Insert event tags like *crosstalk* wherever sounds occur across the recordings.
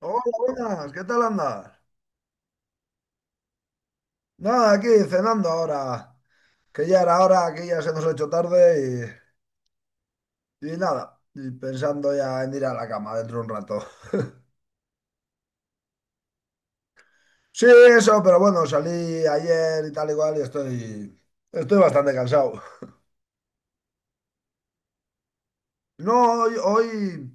Hola, buenas, ¿qué tal andas? Nada, aquí cenando ahora, que ya era hora, que ya se nos ha hecho tarde y nada, y pensando ya en ir a la cama dentro de un rato. Sí, eso, pero bueno, salí ayer y tal igual y cual y estoy bastante cansado. No, hoy, hoy,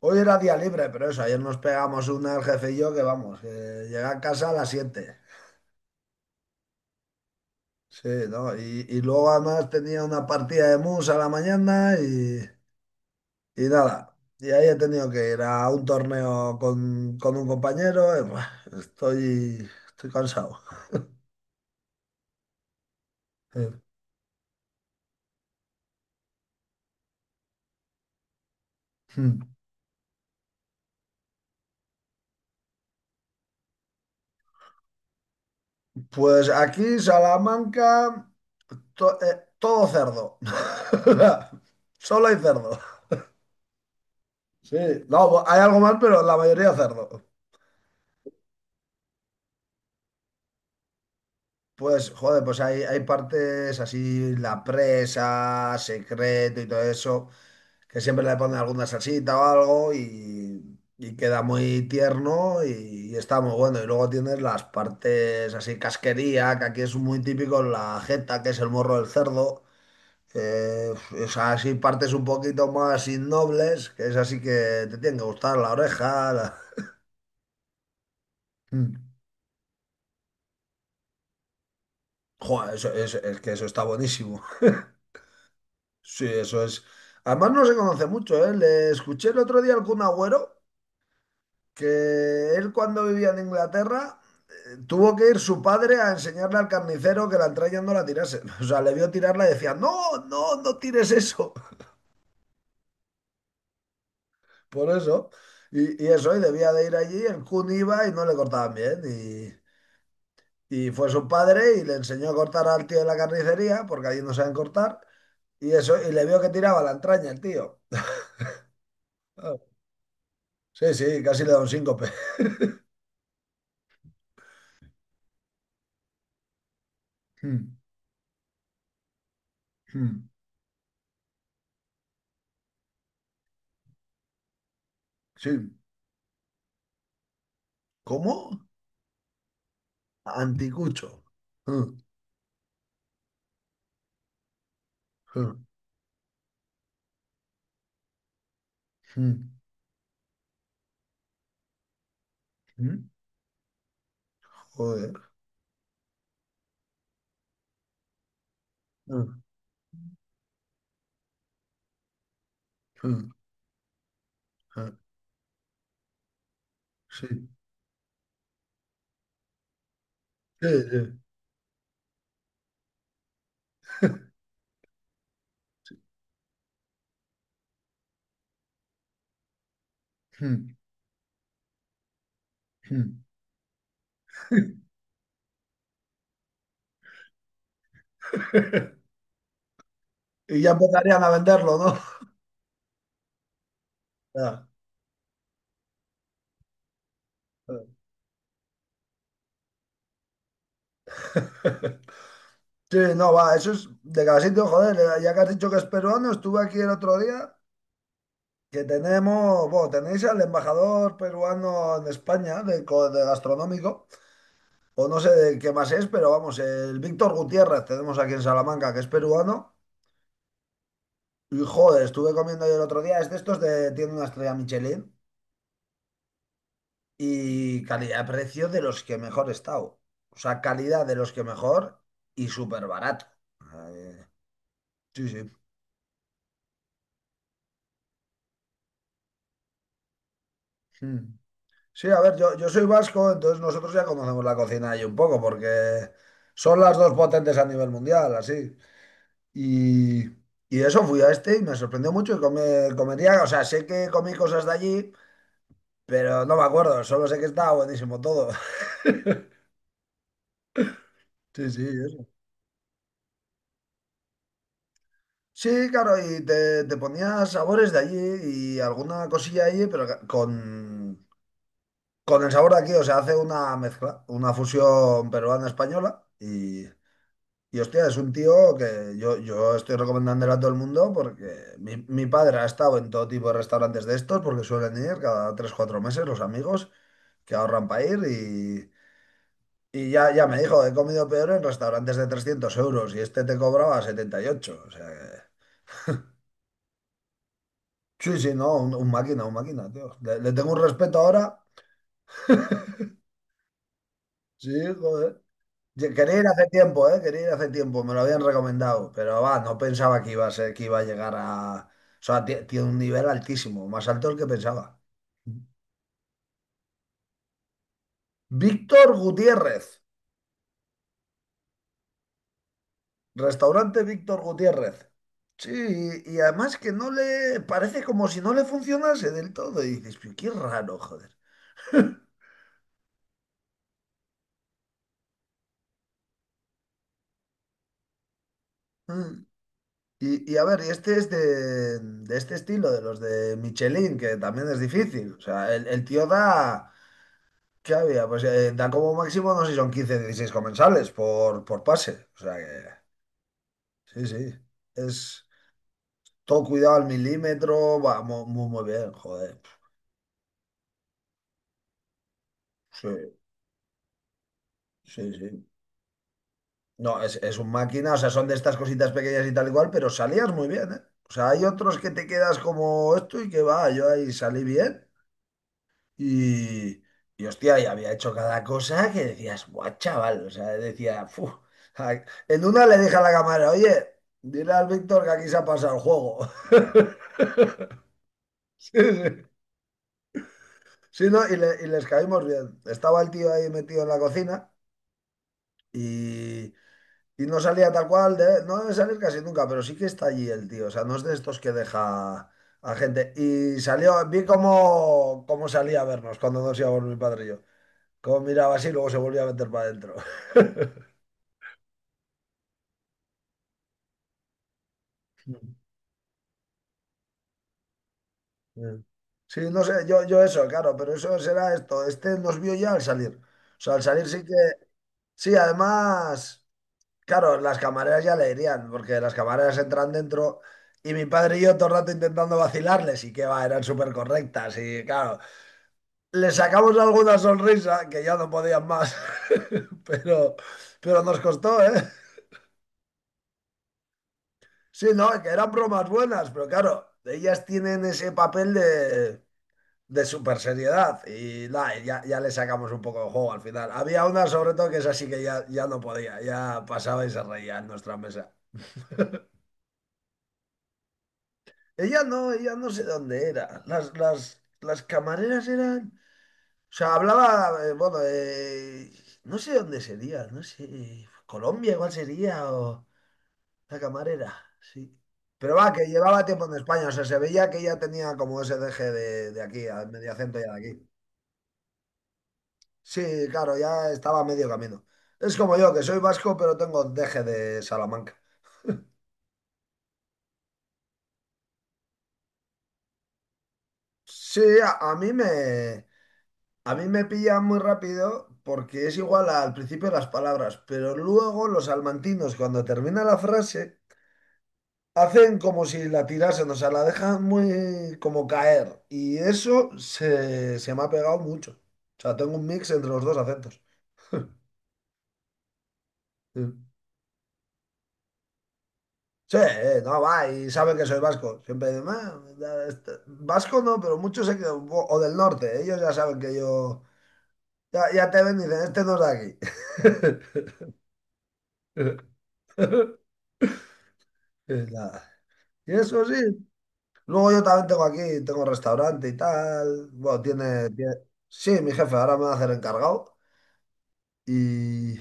hoy era día libre, pero eso, ayer nos pegamos una el jefe y yo que vamos, que llegué a casa a las 7. Sí, ¿no? Y luego además tenía una partida de mus a la mañana y. Y nada, y ahí he tenido que ir a un torneo con un compañero. Y, buah, estoy cansado. Eh, hmm. Pues aquí, Salamanca, todo cerdo. *laughs* Solo hay cerdo. Sí, no, hay algo más, pero la mayoría cerdo. Pues, joder, pues hay partes así, la presa, secreto y todo eso, que siempre le ponen alguna salsita o algo y queda muy tierno y está muy bueno. Y luego tienes las partes así casquería, que aquí es muy típico la jeta, que es el morro del cerdo, que es así partes un poquito más innobles, que es así que te tienen que gustar la oreja. *laughs* Mm. Joder, es que eso está buenísimo. *laughs* Sí, eso es. Además no se conoce mucho, ¿eh? Le escuché el otro día al Kun Agüero que él cuando vivía en Inglaterra, tuvo que ir su padre a enseñarle al carnicero que la entraña no la tirase. *laughs* O sea, le vio tirarla y decía, no, no, no tires eso. *laughs* Por eso. Y eso, y debía de ir allí, el Kun iba y no le cortaban bien. Y fue su padre y le enseñó a cortar al tío de la carnicería, porque allí no saben cortar. Y eso, y le vio que tiraba la entraña el tío. *laughs* Sí, sí, casi le da un síncope. *laughs* Mm, mm, sí. ¿Cómo? Anticucho. Mm, mm. Hı, hı. Joder. Hı, hı, hı. Sí, sí, sí. *laughs* Hı, hı. *laughs* Y ya empezarían a venderlo, ¿no? Ya, ya. *laughs* Sí, no, va, eso es de cada sitio, joder, ya que has dicho que es peruano, estuve aquí el otro día, que tenemos, bueno, tenéis al embajador peruano en España de gastronómico, o no sé de qué más es, pero vamos, el Víctor Gutiérrez tenemos aquí en Salamanca, que es peruano, y joder, estuve comiendo yo el otro día, es de estos tiene una estrella Michelin. Y calidad-precio de los que mejor he estado. O sea, calidad de los que mejor, y súper barato. Eh, sí, sí. Mm. Sí, a ver, yo soy vasco, entonces nosotros ya conocemos la cocina ahí un poco, porque son las dos potentes a nivel mundial, así. Y, y eso fui a este y me sorprendió mucho y comería. O sea, sé que comí cosas de allí, pero no me acuerdo, solo sé que estaba buenísimo todo. *laughs* Sí, sí. Sí, claro, y te ponía sabores de allí y alguna cosilla allí, pero con el sabor de aquí. O sea, hace una mezcla, una fusión peruana-española y hostia, es un tío que yo estoy recomendándole a todo el mundo porque mi padre ha estado en todo tipo de restaurantes de estos porque suelen ir cada tres cuatro meses los amigos que ahorran para ir, y ya me dijo, he comido peor en restaurantes de 300 euros y este te cobraba 78, o sea... Sí, sí, no, un máquina, un máquina, tío. Le tengo un respeto ahora. Sí, joder. Quería ir hace tiempo, ¿eh? Quería ir hace tiempo, me lo habían recomendado, pero va, no pensaba que iba a ser, que iba a llegar a... O sea, tiene un nivel altísimo, más alto del que pensaba. Víctor Gutiérrez, restaurante Víctor Gutiérrez. Sí, y además que no le... Parece como si no le funcionase del todo. Y dices, pero qué raro, joder. Mm. Y a ver, y este es de este estilo, de los de Michelin, que también es difícil. O sea, el tío da, ¿qué había? Pues da como máximo, no sé si son 15, 16 comensales por pase. O sea que, sí, sí. Es todo cuidado al milímetro, va muy, muy bien, joder. Sí, sí, sí. No, es un máquina. O sea, son de estas cositas pequeñas y tal igual, pero salías muy bien, ¿eh? O sea, hay otros que te quedas como esto y que va, yo ahí salí bien. Y, y hostia, y había hecho cada cosa que decías, guau, chaval. O sea, decía, "Fu". Ay, en una le dije a la cámara, oye, dile al Víctor que aquí se ha pasado el juego. *laughs* Sí, sí. Sí, no, y les caímos bien. Estaba el tío ahí metido en la cocina y, y no salía tal cual. No debe salir casi nunca, pero sí que está allí el tío. O sea, no es de estos que deja a gente. Y salió, vi cómo salía a vernos cuando nos íbamos mi padre y yo. Como miraba así, luego se volvía a meter para adentro. *laughs* Sí, no sé, yo eso, claro, pero eso será esto. Este nos vio ya al salir. O sea, al salir sí que. Sí, además, claro, las camareras ya le irían, porque las camareras entran dentro y mi padre y yo todo el rato intentando vacilarles, y que va, eran súper correctas y claro, les sacamos alguna sonrisa que ya no podían más. *laughs* pero, pero nos costó, ¿eh? Sí, no, que eran bromas buenas, pero claro, ellas tienen ese papel de super seriedad, y nada, ya le sacamos un poco de juego al final. Había una sobre todo que es así que ya no podía, ya pasaba y se reía en nuestra mesa. Ella no sé dónde era. Las camareras eran... O sea, hablaba, bueno, no sé dónde sería, no sé, Colombia igual sería o... La camarera, sí. Pero va, que llevaba tiempo en España, o sea, se veía que ya tenía como ese deje de aquí, al medio acento ya de aquí. Sí, claro, ya estaba a medio camino. Es como yo, que soy vasco, pero tengo deje de Salamanca. Sí, a mí me pilla muy rápido porque es igual al principio las palabras, pero luego los salmantinos, cuando termina la frase, hacen como si la tirasen, o sea, la dejan muy como caer. Y eso se me ha pegado mucho. O sea, tengo un mix entre los dos acentos. Sí, sí, no, va, y saben que soy vasco. Siempre dicen, "Ah, ya vasco no", pero muchos se quedan, o del norte", ellos ya saben que ya te ven y dicen, este no es de aquí. *laughs* Y nada. Y eso sí. Luego yo también tengo aquí, tengo restaurante y tal. Bueno, tiene... Sí, mi jefe ahora me va a hacer encargado. Y,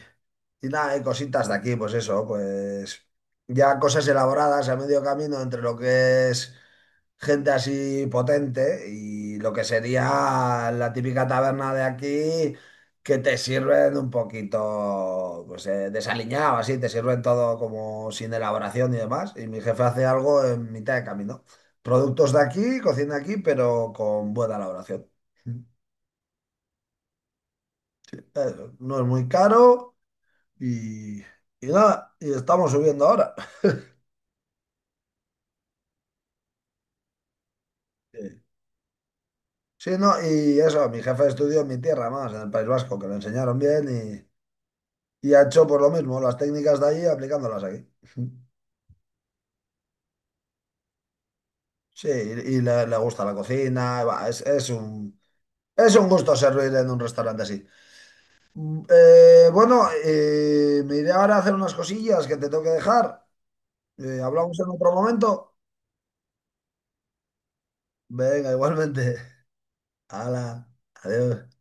y nada, hay cositas de aquí, pues eso, pues ya cosas elaboradas a medio camino entre lo que es gente así potente y lo que sería la típica taberna de aquí, que te sirven un poquito pues desaliñado, así, te sirven todo como sin elaboración y demás. Y mi jefe hace algo en mitad de camino. Productos de aquí, cocina aquí, pero con buena elaboración. No es muy caro. Y, y nada, y estamos subiendo ahora. Sí, sí, no, y eso, mi jefe estudió en mi tierra más, en el País Vasco, que lo enseñaron bien, y ha hecho por lo mismo, las técnicas de allí aplicándolas aquí. *laughs* Sí, y le gusta la cocina, va, es un gusto servir en un restaurante así. Bueno, me iré ahora a hacer unas cosillas que te tengo que dejar. Hablamos en otro momento. Venga, igualmente. *laughs* Hala, adiós.